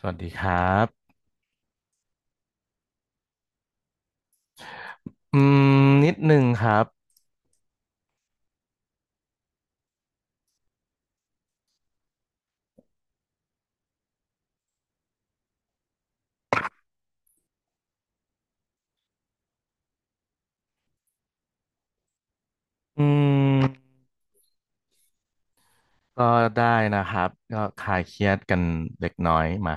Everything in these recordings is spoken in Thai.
สวัสดีครับอืมนิดนึงครับอืมก็ได้นะครับก็คลายเครียดกันเล็กน้อยมา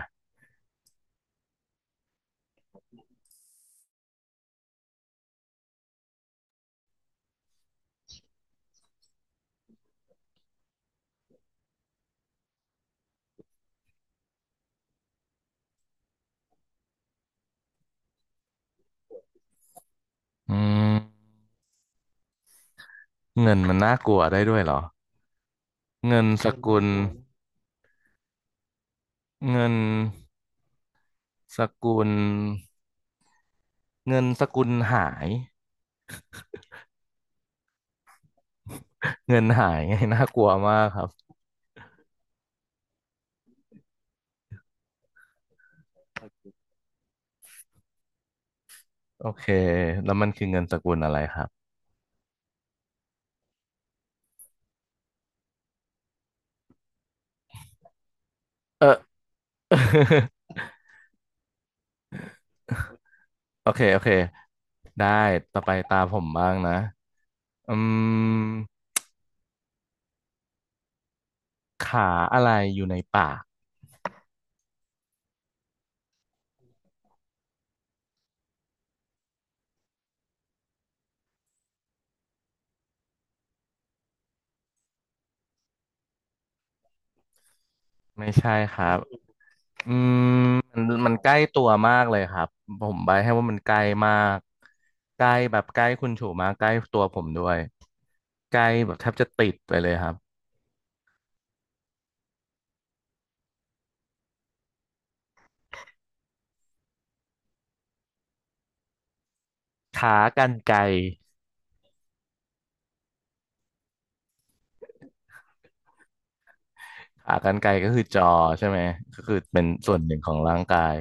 อืมเงินมันน่ากลัวได้ด้วยเหรอ เงินสกุลเงินสกุล เงินสกุลหาย เงินหายไงน่ากลัวมากครับ โอเคแล้วมันคือเงินสกุลอะไรครับเออ โอเคโอเคได้ต่อไปตาผมบ้างนะอืมขาอะไรอยู่ในป่าก ไม่ใช่ครับอืมมันใกล้ตัวมากเลยครับ ผมใบให้ว่ามันใกล้มากใกล้แบบใกล้คุณฉูมากใกล้ตัวผมด้วยใกล้แบบแทบจะติดไปเลยครับขากรรไกรขากรรไกรก็คือจอใช่ไหมก็คือเป็นส่วนหนึ่งของร่างกาย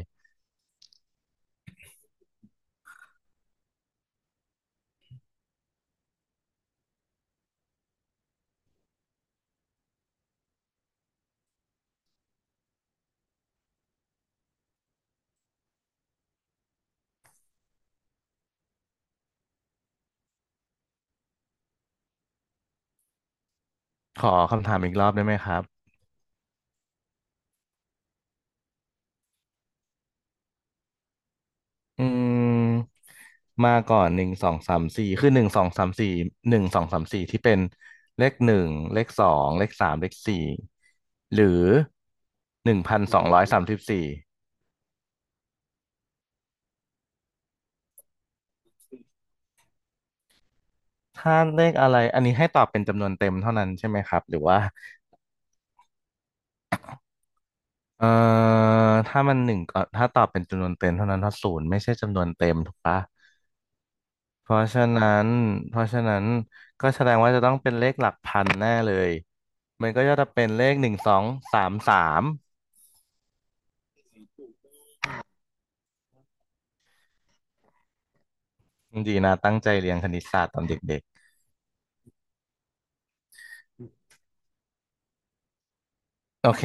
ขอคำถามอีกรอบได้ไหมครับอืม มาก่อนหนึ่งสองสามสี่คือหนึ่งสองสามสี่หนึ่งสองสามสี่ที่เป็นเลขหนึ่งเลขสองเลขสามเลขสี่หรือ1,234ถ้าเลขอะไรอันนี้ให้ตอบเป็นจำนวนเต็มเท่านั้นใช่ไหมครับหรือว่าเอ่อถ้ามันหนึ่งก็ถ้าตอบเป็นจำนวนเต็มเท่านั้นถ้าศูนย์ไม่ใช่จำนวนเต็มถูกปะเพราะฉะนั้นเพราะฉะนั้นก็แสดงว่าจะต้องเป็นเลขหลักพันแน่เลยมันก็จะเป็นเลขหนึ่งสองสามสาม ดีนะตั้งใจเรียนคณิตศาสตร์ตอนเด็กๆโอเค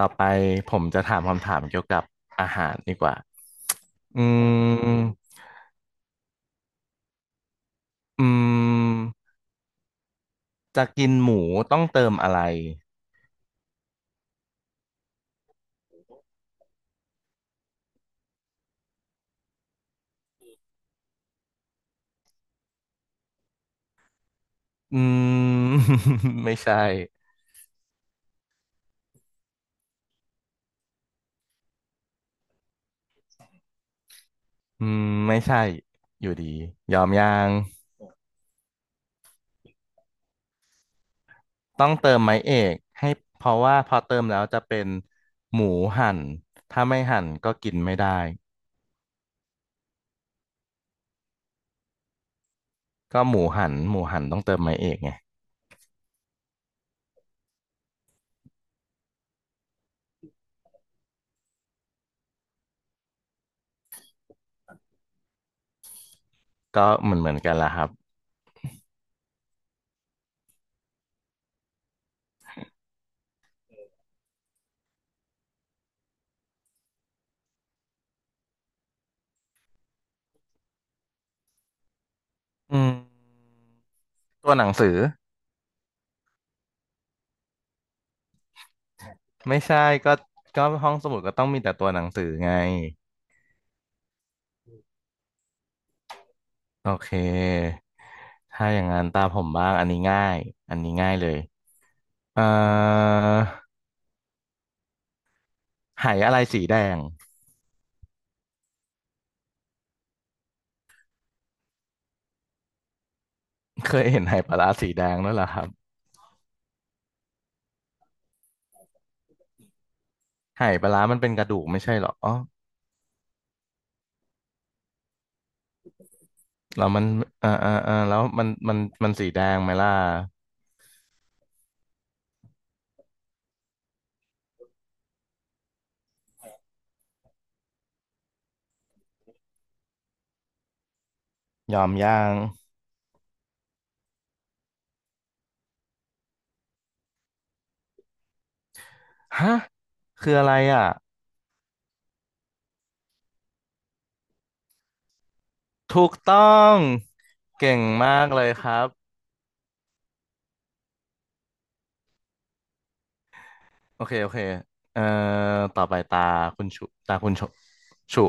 ต่อไปผมจะถามคำถามเกี่ยวกับอาหารดีกว่าอืมอืมจะกินหมูต้องเติมอะไรอืม ไม่ใช่อืมไม่ใช่อยู่ดียอมยังต้องเติมไม้เอกให้เพราะว่าพอเติมแล้วจะเป็นหมูหั่นถ้าไม่หั่นก็กินไม่ได้ก็หมูหั่นหมูหั่นต้องเติมไม้เอกไงก็เหมือนกันละครับอืม ตัวหนังสือไม่ใช่ก็ก็ห้องสมุดก็ต้องมีแต่ตัวหนังสือไงโอเคถ้าอย่างนั้นตามผมบ้างอันนี้ง่ายอันนี้ง่ายเลยเอ่อไหอะไรสีแดงเคยเห็นไหปลาร้าสีแดงด้วยเหรอครับไหปลาร้ามันเป็นกระดูกไม่ใช่เหรอแล้วมันเออเออเออแล้วมันมันมันสีแดงไหมล่ะยอมย่างฮะคืออะไรอ่ะถูกต้องเก่งมากเลยครับ โอเคโอเคเอ่อต่อไปตาคุณชุ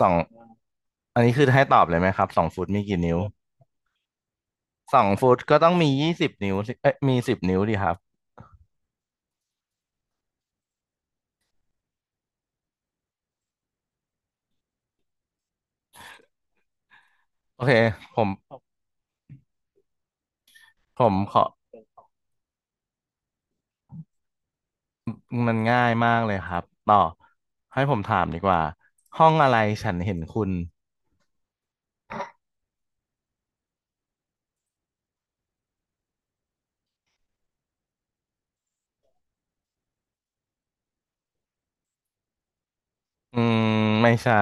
สองอันนี้คือให้ตอบเลยไหมครับสองฟุตมีกี่นิ้วสองฟุตก็ต้องมี20 นิ้วสิเอ้ยมีสิบนิ้วดีครับ โอเคผมผมขอมันง่ายมากเลยครับ ต่อให้ผมถามดีกว่า ห้องอะไรฉันเห็นคุณ อืมไม่ใช่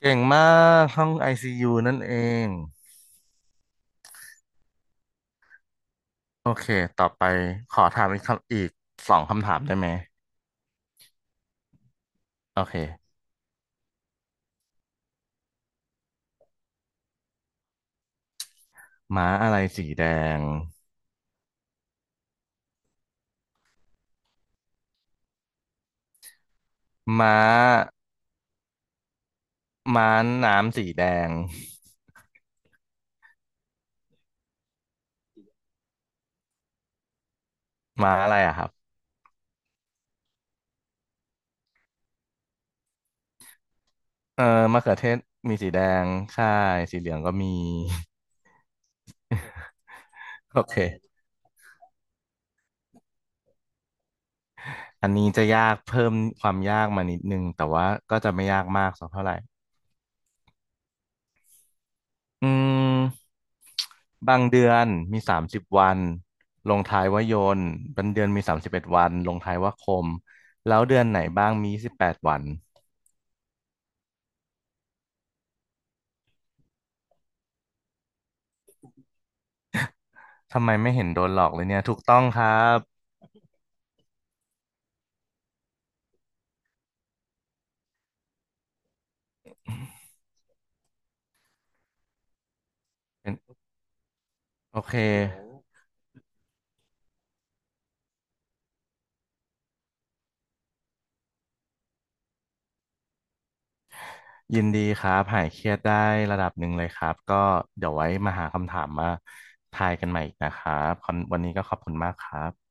เก่งมากห้องไอซียูนั่นเอง โอเคต่อไปขอถามอีกคำอีกสองคำถามได้ไหม โอเคม้าอะไรสีแดง ม้าม้าน้ำสีแดงม้าอะไรอะครับเออมะเขือเทศมีสีแดงใช่สีเหลืองก็มี โอเคอันนี้จะยากเพิ่มความยากมานิดนึงแต่ว่าก็จะไม่ยากมากสักเท่าไหร่อืมบางเดือนมี30 วันลงท้ายว่ายนต์บางเดือนมี31 วันลงท้ายว่าคมแล้วเดือนไหนบ้างมี18 วันทำไมไม่เห็นโดนหลอกเลยเนี่ยถูกต้องครับเป็นโอเค ยินดีครับหายเครียดได้ระดับหนึ่งเลยครับก็เดี๋ยวไว้มาหาคำถามมาทายกันใหม่อีกนะครับคอนวันนี้ก็ขอบคุณมากครับ